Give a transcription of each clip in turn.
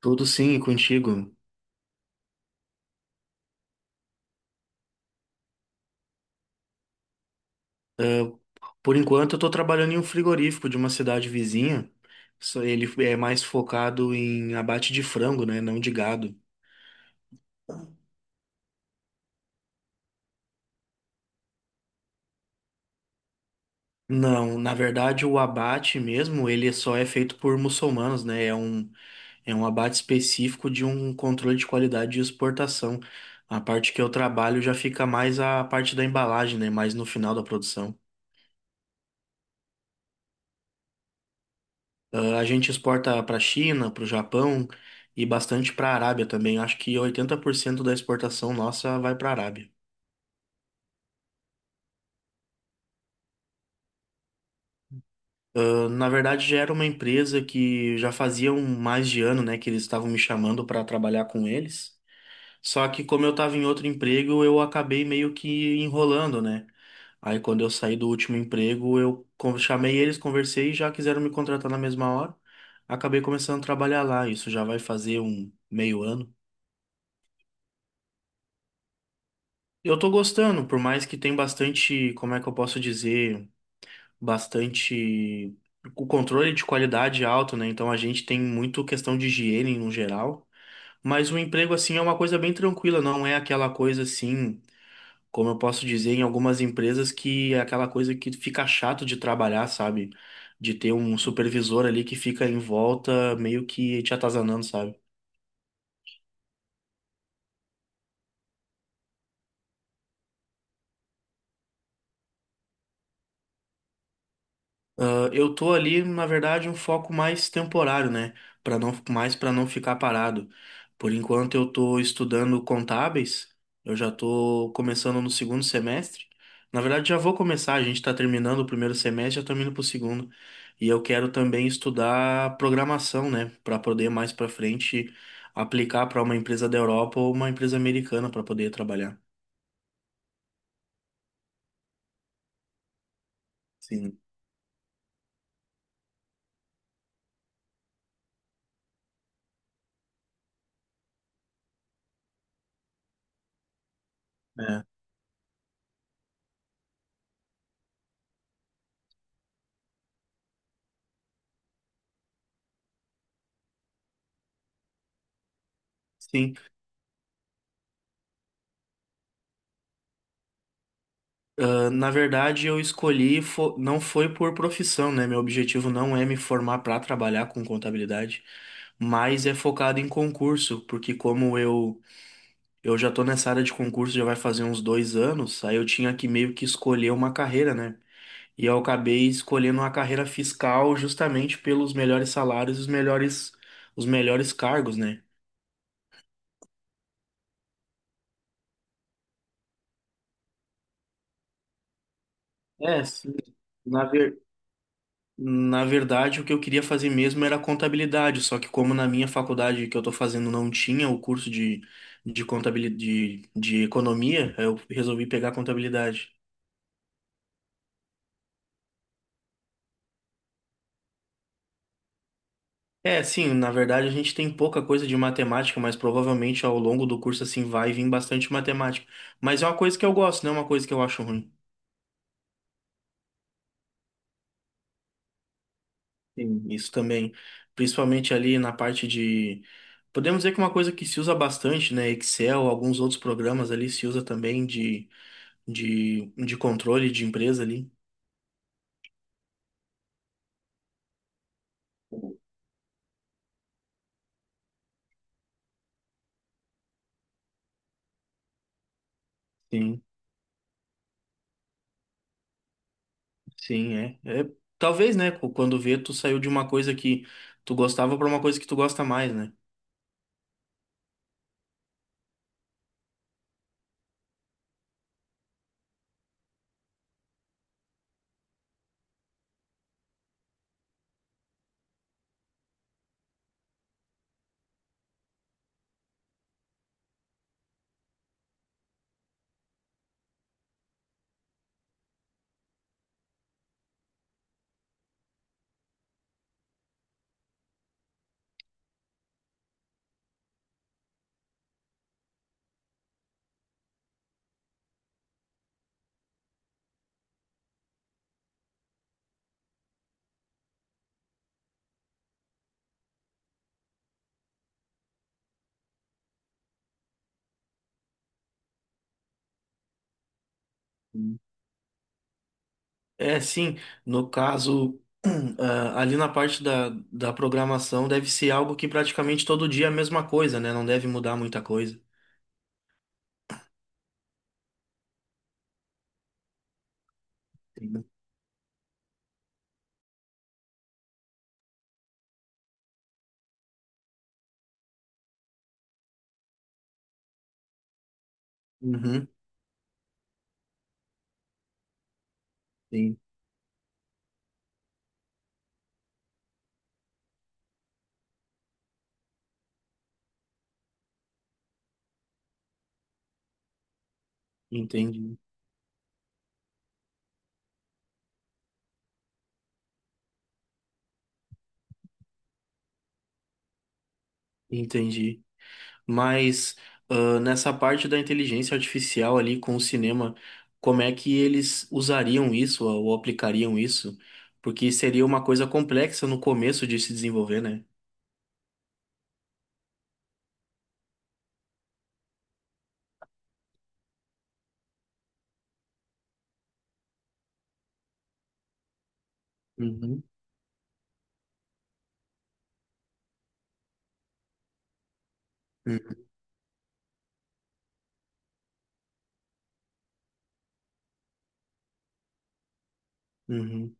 Tudo sim, e contigo. Ah, por enquanto, eu estou trabalhando em um frigorífico de uma cidade vizinha. Só ele é mais focado em abate de frango, né? Não de gado. Não, na verdade, o abate mesmo, ele só é feito por muçulmanos, né? É um abate específico de um controle de qualidade de exportação. A parte que eu trabalho já fica mais a parte da embalagem, né? Mais no final da produção. A gente exporta para a China, para o Japão e bastante para a Arábia também. Acho que 80% da exportação nossa vai para a Arábia. Na verdade, já era uma empresa que já fazia um mais de ano, né, que eles estavam me chamando para trabalhar com eles. Só que como eu estava em outro emprego, eu acabei meio que enrolando, né? Aí quando eu saí do último emprego, chamei eles, conversei e já quiseram me contratar na mesma hora. Acabei começando a trabalhar lá. Isso já vai fazer um meio ano. Eu tô gostando, por mais que tem bastante, como é que eu posso dizer, bastante o controle de qualidade alto, né? Então a gente tem muito questão de higiene no geral, mas o emprego assim é uma coisa bem tranquila, não é aquela coisa assim, como eu posso dizer em algumas empresas que é aquela coisa que fica chato de trabalhar, sabe? De ter um supervisor ali que fica em volta meio que te atazanando, sabe? Eu tô ali, na verdade, um foco mais temporário, né? Para não ficar parado. Por enquanto eu tô estudando contábeis. Eu já tô começando no segundo semestre. Na verdade, já vou começar, a gente tá terminando o primeiro semestre, já estamos indo pro segundo. E eu quero também estudar programação, né, para poder mais para frente aplicar para uma empresa da Europa ou uma empresa americana para poder trabalhar. Sim. É. Sim. Ah, na verdade, não foi por profissão, né? Meu objetivo não é me formar para trabalhar com contabilidade, mas é focado em concurso, porque eu já tô nessa área de concurso já vai fazer uns dois anos, aí eu tinha que meio que escolher uma carreira, né? E eu acabei escolhendo uma carreira fiscal justamente pelos melhores salários, os melhores cargos, né? É, sim. Na ver- Na verdade, o que eu queria fazer mesmo era contabilidade, só que como na minha faculdade que eu estou fazendo não tinha o curso de contabilidade, de economia, eu resolvi pegar contabilidade. É, sim, na verdade a gente tem pouca coisa de matemática, mas provavelmente ao longo do curso assim vai vir bastante matemática. Mas é uma coisa que eu gosto, não é uma coisa que eu acho ruim. Sim, isso também, principalmente ali na parte de podemos dizer que uma coisa que se usa bastante, né, Excel, alguns outros programas ali se usa também de de controle de empresa ali. Sim, sim, é. É, talvez, né, quando vê, tu saiu de uma coisa que tu gostava pra uma coisa que tu gosta mais, né? Sim. É, sim, no caso, ali na parte da programação deve ser algo que praticamente todo dia é a mesma coisa, né? Não deve mudar muita coisa. Sim. Uhum, sim, entendi, entendi. Mas nessa parte da inteligência artificial ali com o cinema, como é que eles usariam isso ou aplicariam isso? Porque seria uma coisa complexa no começo de se desenvolver, né? Uhum. Hum. Uhum,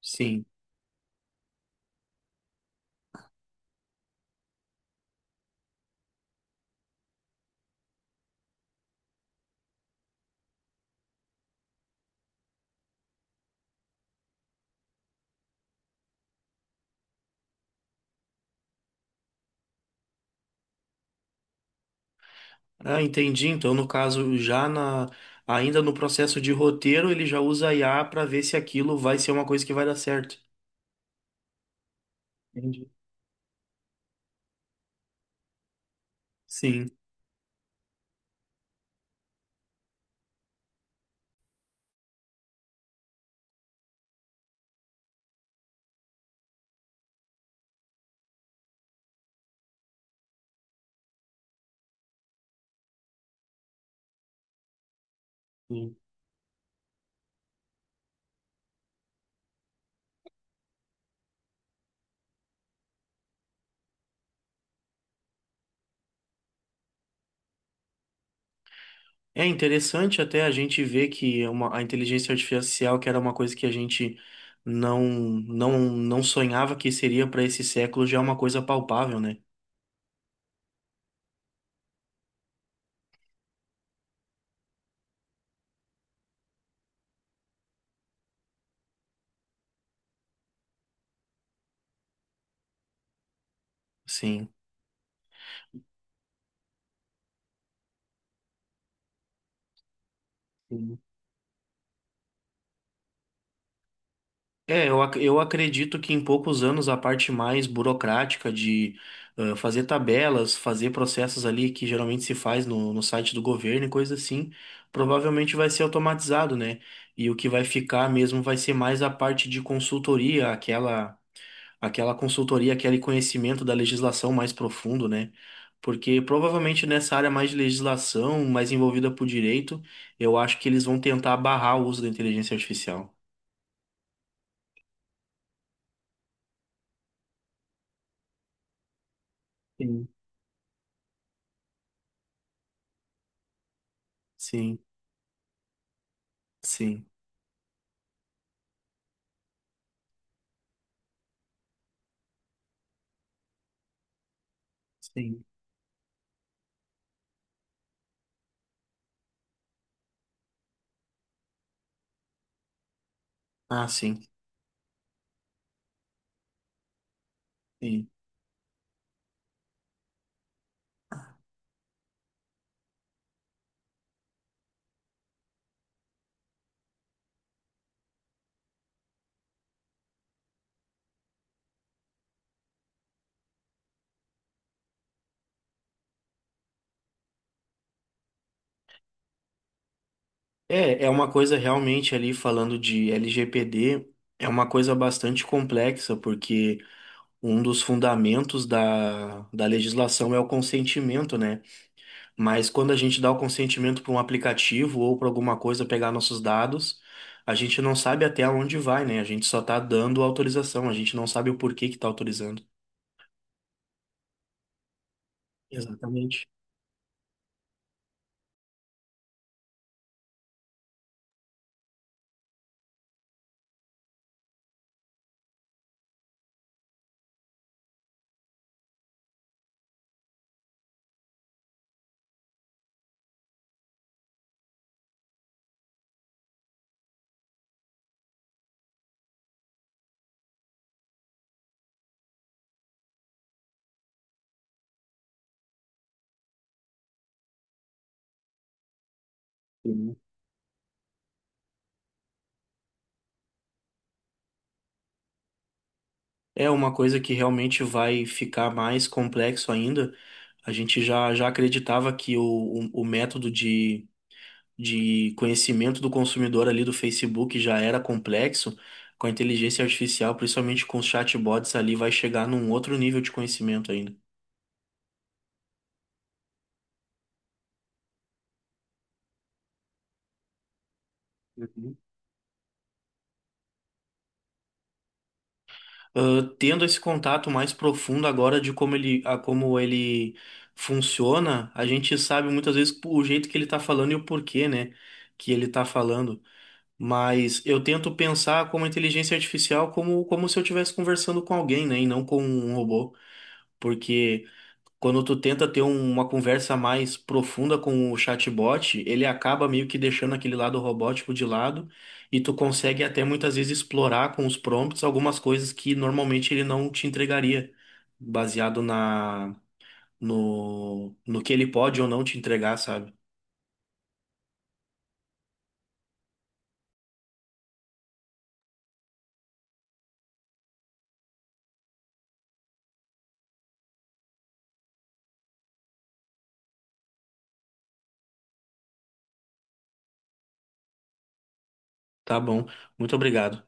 sim. Ah, entendi. Então, no caso, já na, ainda no processo de roteiro, ele já usa a IA para ver se aquilo vai ser uma coisa que vai dar certo. Entendi. Sim. É interessante até a gente ver que é uma, a inteligência artificial, que era uma coisa que a gente não não sonhava que seria para esse século, já é uma coisa palpável, né? Sim. Sim. É, eu acredito que em poucos anos a parte mais burocrática de fazer tabelas, fazer processos ali que geralmente se faz no site do governo e coisa assim, provavelmente vai ser automatizado, né? E o que vai ficar mesmo vai ser mais a parte de consultoria, aquela. Aquela consultoria, aquele conhecimento da legislação mais profundo, né? Porque provavelmente nessa área mais de legislação, mais envolvida por direito, eu acho que eles vão tentar barrar o uso da inteligência artificial. Sim, sim, sim, sim. Ah, sim, sim. É, é uma coisa realmente ali falando de LGPD, é uma coisa bastante complexa, porque um dos fundamentos da legislação é o consentimento, né? Mas quando a gente dá o consentimento para um aplicativo ou para alguma coisa pegar nossos dados, a gente não sabe até onde vai, né? A gente só está dando autorização, a gente não sabe o porquê que está autorizando. Exatamente. Uhum. É uma coisa que realmente vai ficar mais complexo ainda. A gente já, já acreditava que o método de conhecimento do consumidor ali do Facebook já era complexo. Com a inteligência artificial, principalmente com os chatbots ali, vai chegar num outro nível de conhecimento ainda. Ah, tendo esse contato mais profundo agora de como ele, a como ele funciona, a gente sabe muitas vezes o jeito que ele tá falando e o porquê, né, que ele tá falando. Mas eu tento pensar como a inteligência artificial como, como se eu estivesse conversando com alguém, né, e não com um robô. Porque quando tu tenta ter uma conversa mais profunda com o chatbot, ele acaba meio que deixando aquele lado robótico de lado e tu consegue até muitas vezes explorar com os prompts algumas coisas que normalmente ele não te entregaria, baseado na no que ele pode ou não te entregar, sabe? Tá bom, muito obrigado.